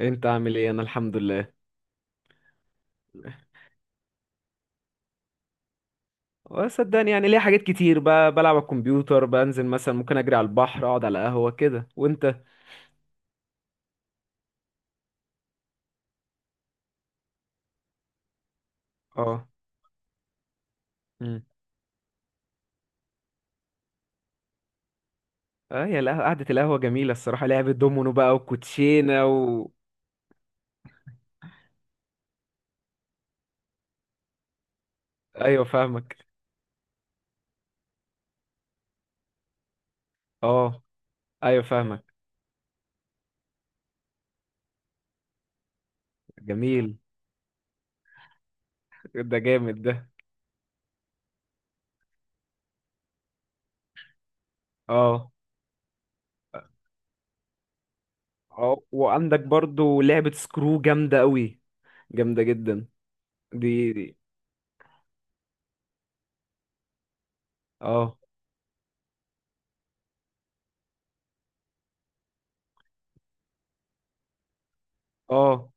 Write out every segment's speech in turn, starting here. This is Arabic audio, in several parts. انت عامل ايه؟ انا الحمد لله. وصدقني، يعني ليا حاجات كتير بلعب على الكمبيوتر، بنزل مثلا، ممكن اجري على البحر، اقعد على قهوة كده. وانت؟ اه. امم. اه، يا القهوة، قعدة القهوة جميلة الصراحة، لعبة دومينو بقى وكوتشينة و... ايوه فاهمك. اه. ايوه فاهمك. جميل. ده جامد ده. اه. اه، وعندك برضو لعبة سكرو جامدة قوي، جامدة جدا. دي. اه. اه.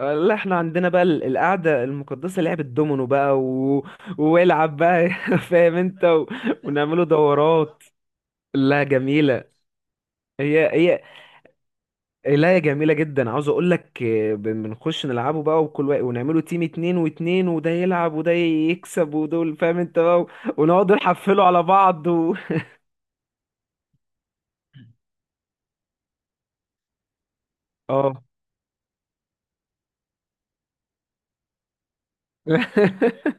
لا، احنا عندنا بقى القعدة المقدسة لعبة دومينو بقى و... والعب بقى فاهم انت و... ونعمله دورات. لا جميلة. هي هي لا، هي جميلة جدا، عاوز اقول لك بنخش نلعبه بقى، وكل واحد، ونعمله تيم اتنين واتنين، وده يلعب وده يكسب ودول، فاهم انت بقى و... ونقعد نحفله على بعض و... اه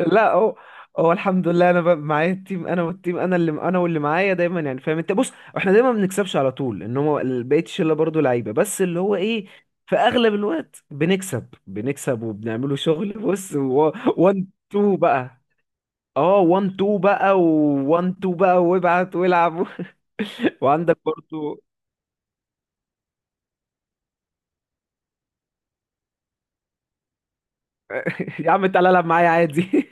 لا هو، هو الحمد لله، انا معايا التيم، انا والتيم، انا اللي انا واللي معايا دايما، يعني فاهم انت. بص، احنا دايما ما بنكسبش على طول، ان هو بقيه الشله برضه لعيبه، بس اللي هو ايه، في اغلب الوقت بنكسب وبنعمله شغل. بص، 1 2 بقى. اه، 1 2 بقى، و1 2 بقى، وابعت والعب وعندك برضه يا عم، تعالى العب معايا عادي.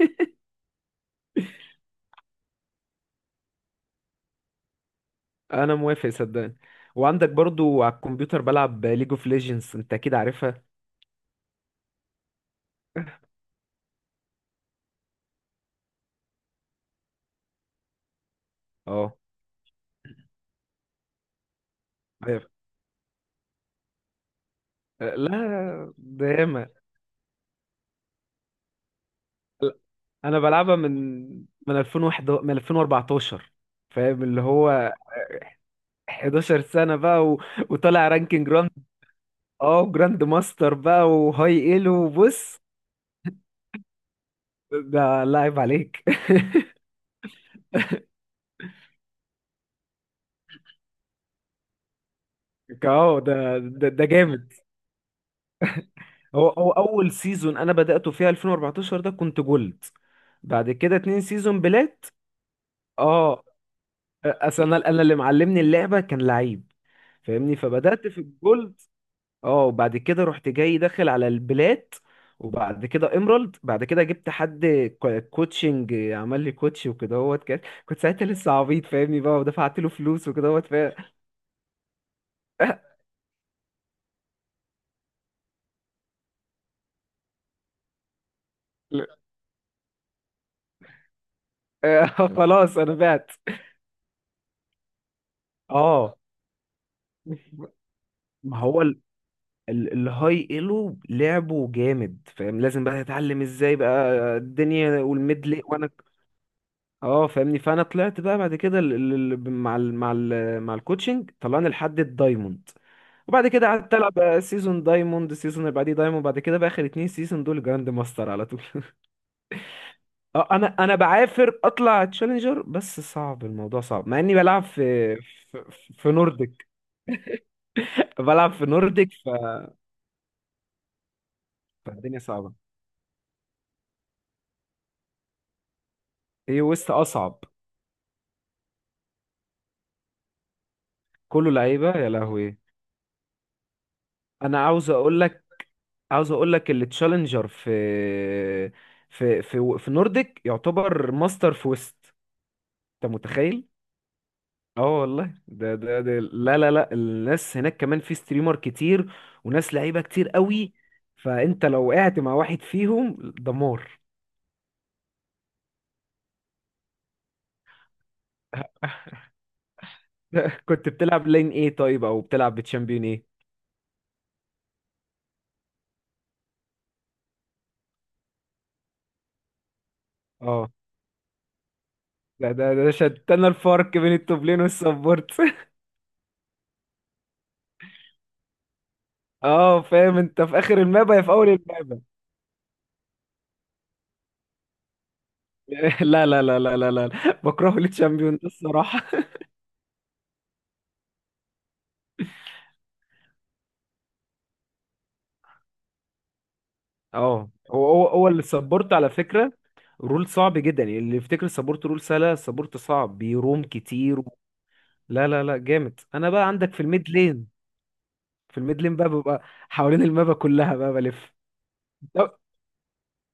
انا موافق، صدقني. وعندك برضه على الكمبيوتر بلعب ليج اوف ليجندز، انت اكيد عارفها. اه. لا، ده ياما. انا بلعبها من 2001، من 2014، فاهم، اللي هو 11 سنة بقى و... وطالع رانكينج جراند. اه، جراند ماستر بقى وهاي ايلو وبص. ده لاعب عليك. اه، ده جامد. هو هو اول سيزون انا بدأته فيها 2014 ده كنت جولد. بعد كده اتنين سيزون بلات. اه. اصل انا أنا اللي معلمني اللعبة كان لعيب، فاهمني، فبدأت في الجولد. اه. وبعد كده رحت جاي داخل على البلات، وبعد كده ايمرالد، بعد كده جبت حد كوتشنج، عمل لي كوتش وكده، هوت كنت ساعتها لسه عبيط فاهمني بقى، ودفعت له فلوس وكده، هوت آه، خلاص انا بعت. اه، ما هو الهاي ايلو لعبه جامد، فاهم، لازم بقى تتعلم ازاي بقى الدنيا والميدل. اه فاهمني، فانا طلعت بقى بعد كده، ال- ال- ال- مع ال مع ال مع الكوتشنج طلعني لحد الدايموند. وبعد كده قعدت العب بقى سيزون دايموند، سيزون اللي بعديه دايموند، بعد كده بقى اخر اتنين سيزون دول جراند ماستر على طول اه، انا بعافر اطلع تشالنجر، بس صعب الموضوع، صعب، مع اني بلعب في, في نورديك، بلعب في نورديك فالدنيا صعبه. ايه ويست اصعب. كله لعيبه، يا لهوي. انا عاوز اقول لك، عاوز اقول لك التشالنجر في نورديك يعتبر ماستر في ويست، انت متخيل؟ اه والله، ده ده ده لا لا لا، الناس هناك كمان في ستريمر كتير وناس لعيبه كتير قوي، فانت لو وقعت مع واحد فيهم دمار. كنت بتلعب لين ايه طيب؟ او بتلعب بتشامبيون ايه؟ اه، ده ده ده شتنا الفرق بين التوب لين والسبورت اه، فاهم انت، في اخر المابا يا في اول المابا. لا لا لا لا لا لا، بكرهه للتشامبيون ده الصراحه. اه، هو السبورت على فكرة رول صعب جدا، يعني اللي يفتكر السبورت رول سهلة، السبورت صعب، بيروم كتير. لا لا لا جامد، انا بقى عندك في الميد لين، في الميد لين بقى ببقى حوالين المابا كلها بقى بلف. لا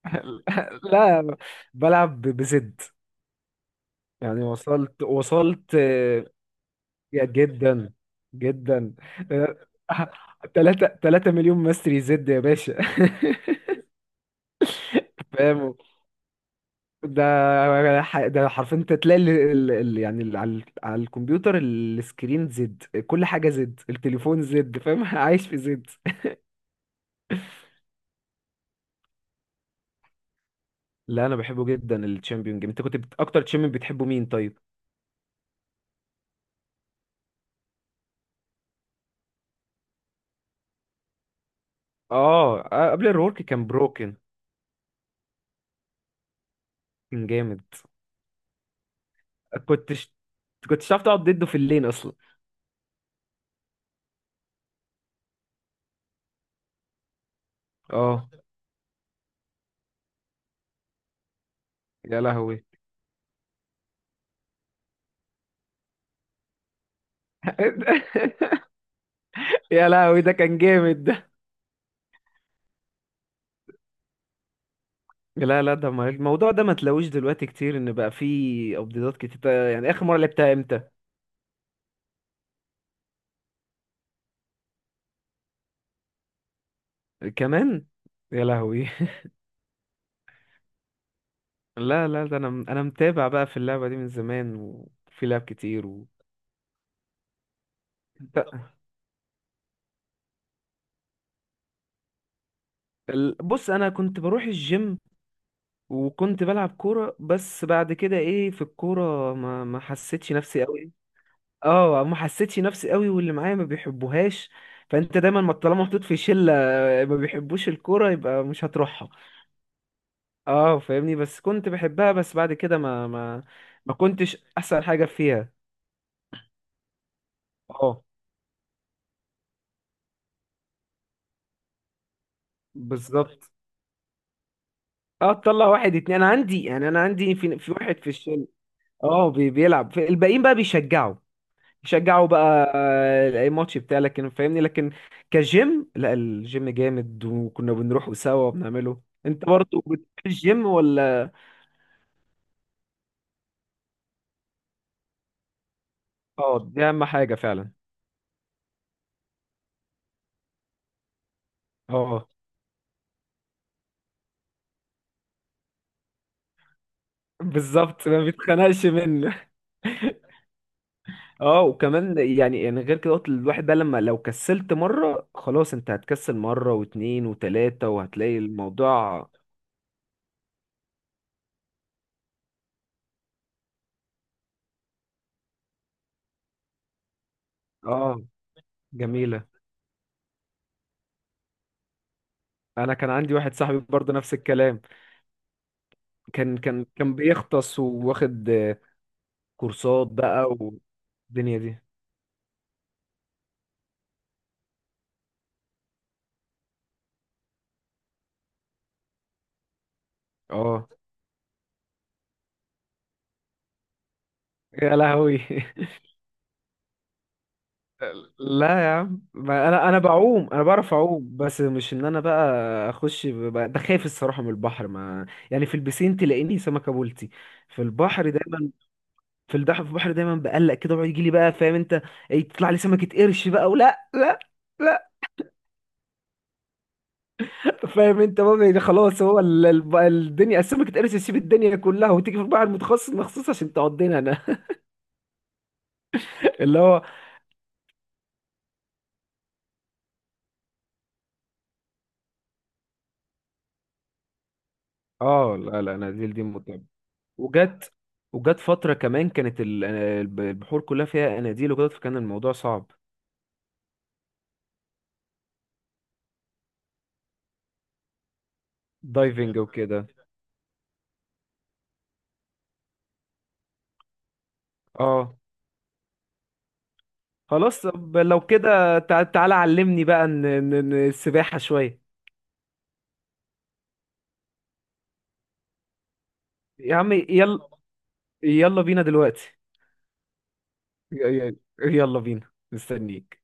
لا، بلعب بزد، يعني وصلت يا جدا، جدا، 3 مليون ماستري زد يا باشا فاهم، ده حرفيا انت تلاقي ال... ال... ال... يعني ال... على... على الكمبيوتر السكرين زد، كل حاجه زد، التليفون زد، فاهم عايش في زد. لا، انا بحبه جدا الشامبيون جيم، انت كنت اكتر تشامبيون بتحبه مين طيب؟ اه، قبل الرورك كان بروكن، كان جامد. كنتش كنتش تعرف تقعد ضده في اللين اصلا. اه، يا لهوي يا لهوي ده كان جامد ده. لا لا، ده الموضوع ده ما تلاقوش دلوقتي كتير، ان بقى فيه ابديتات كتير، يعني اخر مره لعبتها امتى؟ كمان، يا لهوي لا لا، ده انا متابع بقى في اللعبة دي من زمان، وفي لعب كتير و... ت- بص انا كنت بروح الجيم وكنت بلعب كورة، بس بعد كده ايه، في الكورة ما حسيتش نفسي قوي. اه، ما حسيتش نفسي قوي، واللي معايا ما بيحبوهاش. فانت دايما، ما طالما محطوط في شلة ما بيحبوش الكورة، يبقى مش هتروحها. اه فاهمني، بس كنت بحبها، بس بعد كده ما ما كنتش احسن حاجة فيها. اه، بالظبط. اه، تطلع واحد اتنين، انا عندي يعني، انا عندي في في واحد في الشله. اه، بيلعب الباقيين بقى بيشجعوا، بيشجعوا بقى اي ماتش بتاع، لكن فاهمني لكن كجيم، لا الجيم جامد وكنا بنروحوا سوا وبنعمله. انت برضه بتروح الجيم ولا؟ اه، دي اهم حاجه فعلا. اه، بالظبط، ما بيتخنقش منه. اه، وكمان يعني، غير كده قلت الواحد بقى، لما لو كسلت مره خلاص انت هتكسل مره واتنين وتلاته، وهتلاقي الموضوع. اه جميله. انا كان عندي واحد صاحبي برضه نفس الكلام، كان بيغطس وواخد كورسات بقى والدنيا دي. اه، يا لهوي لا يا عم، ما انا بعوم، انا بعرف اعوم، بس مش ان انا بقى اخش بقى، ده خايف الصراحه من البحر، ما يعني في البسين تلاقيني سمكه بولتي، في البحر دايما، في البحر دايما بقلق كده، ويجي لي بقى فاهم انت، تطلع لي سمكه قرش بقى ولا لا. لا، فاهم انت بقى، يعني خلاص هو الدنيا اسمك اتقرص يسيب الدنيا كلها وتيجي في البحر المتخصص مخصوص عشان تقضينا انا. اللي هو اه، لا لا، اناديل دي متعبه، وجت وجت فتره كمان كانت البحور كلها فيها اناديل وكده، فكان الموضوع صعب، دايفنج وكده. اه خلاص، طب لو كده تعالى علمني بقى، السباحه شويه. يا عم يلا، يلا بينا دلوقتي. ي- ي- يلا بينا مستنيك.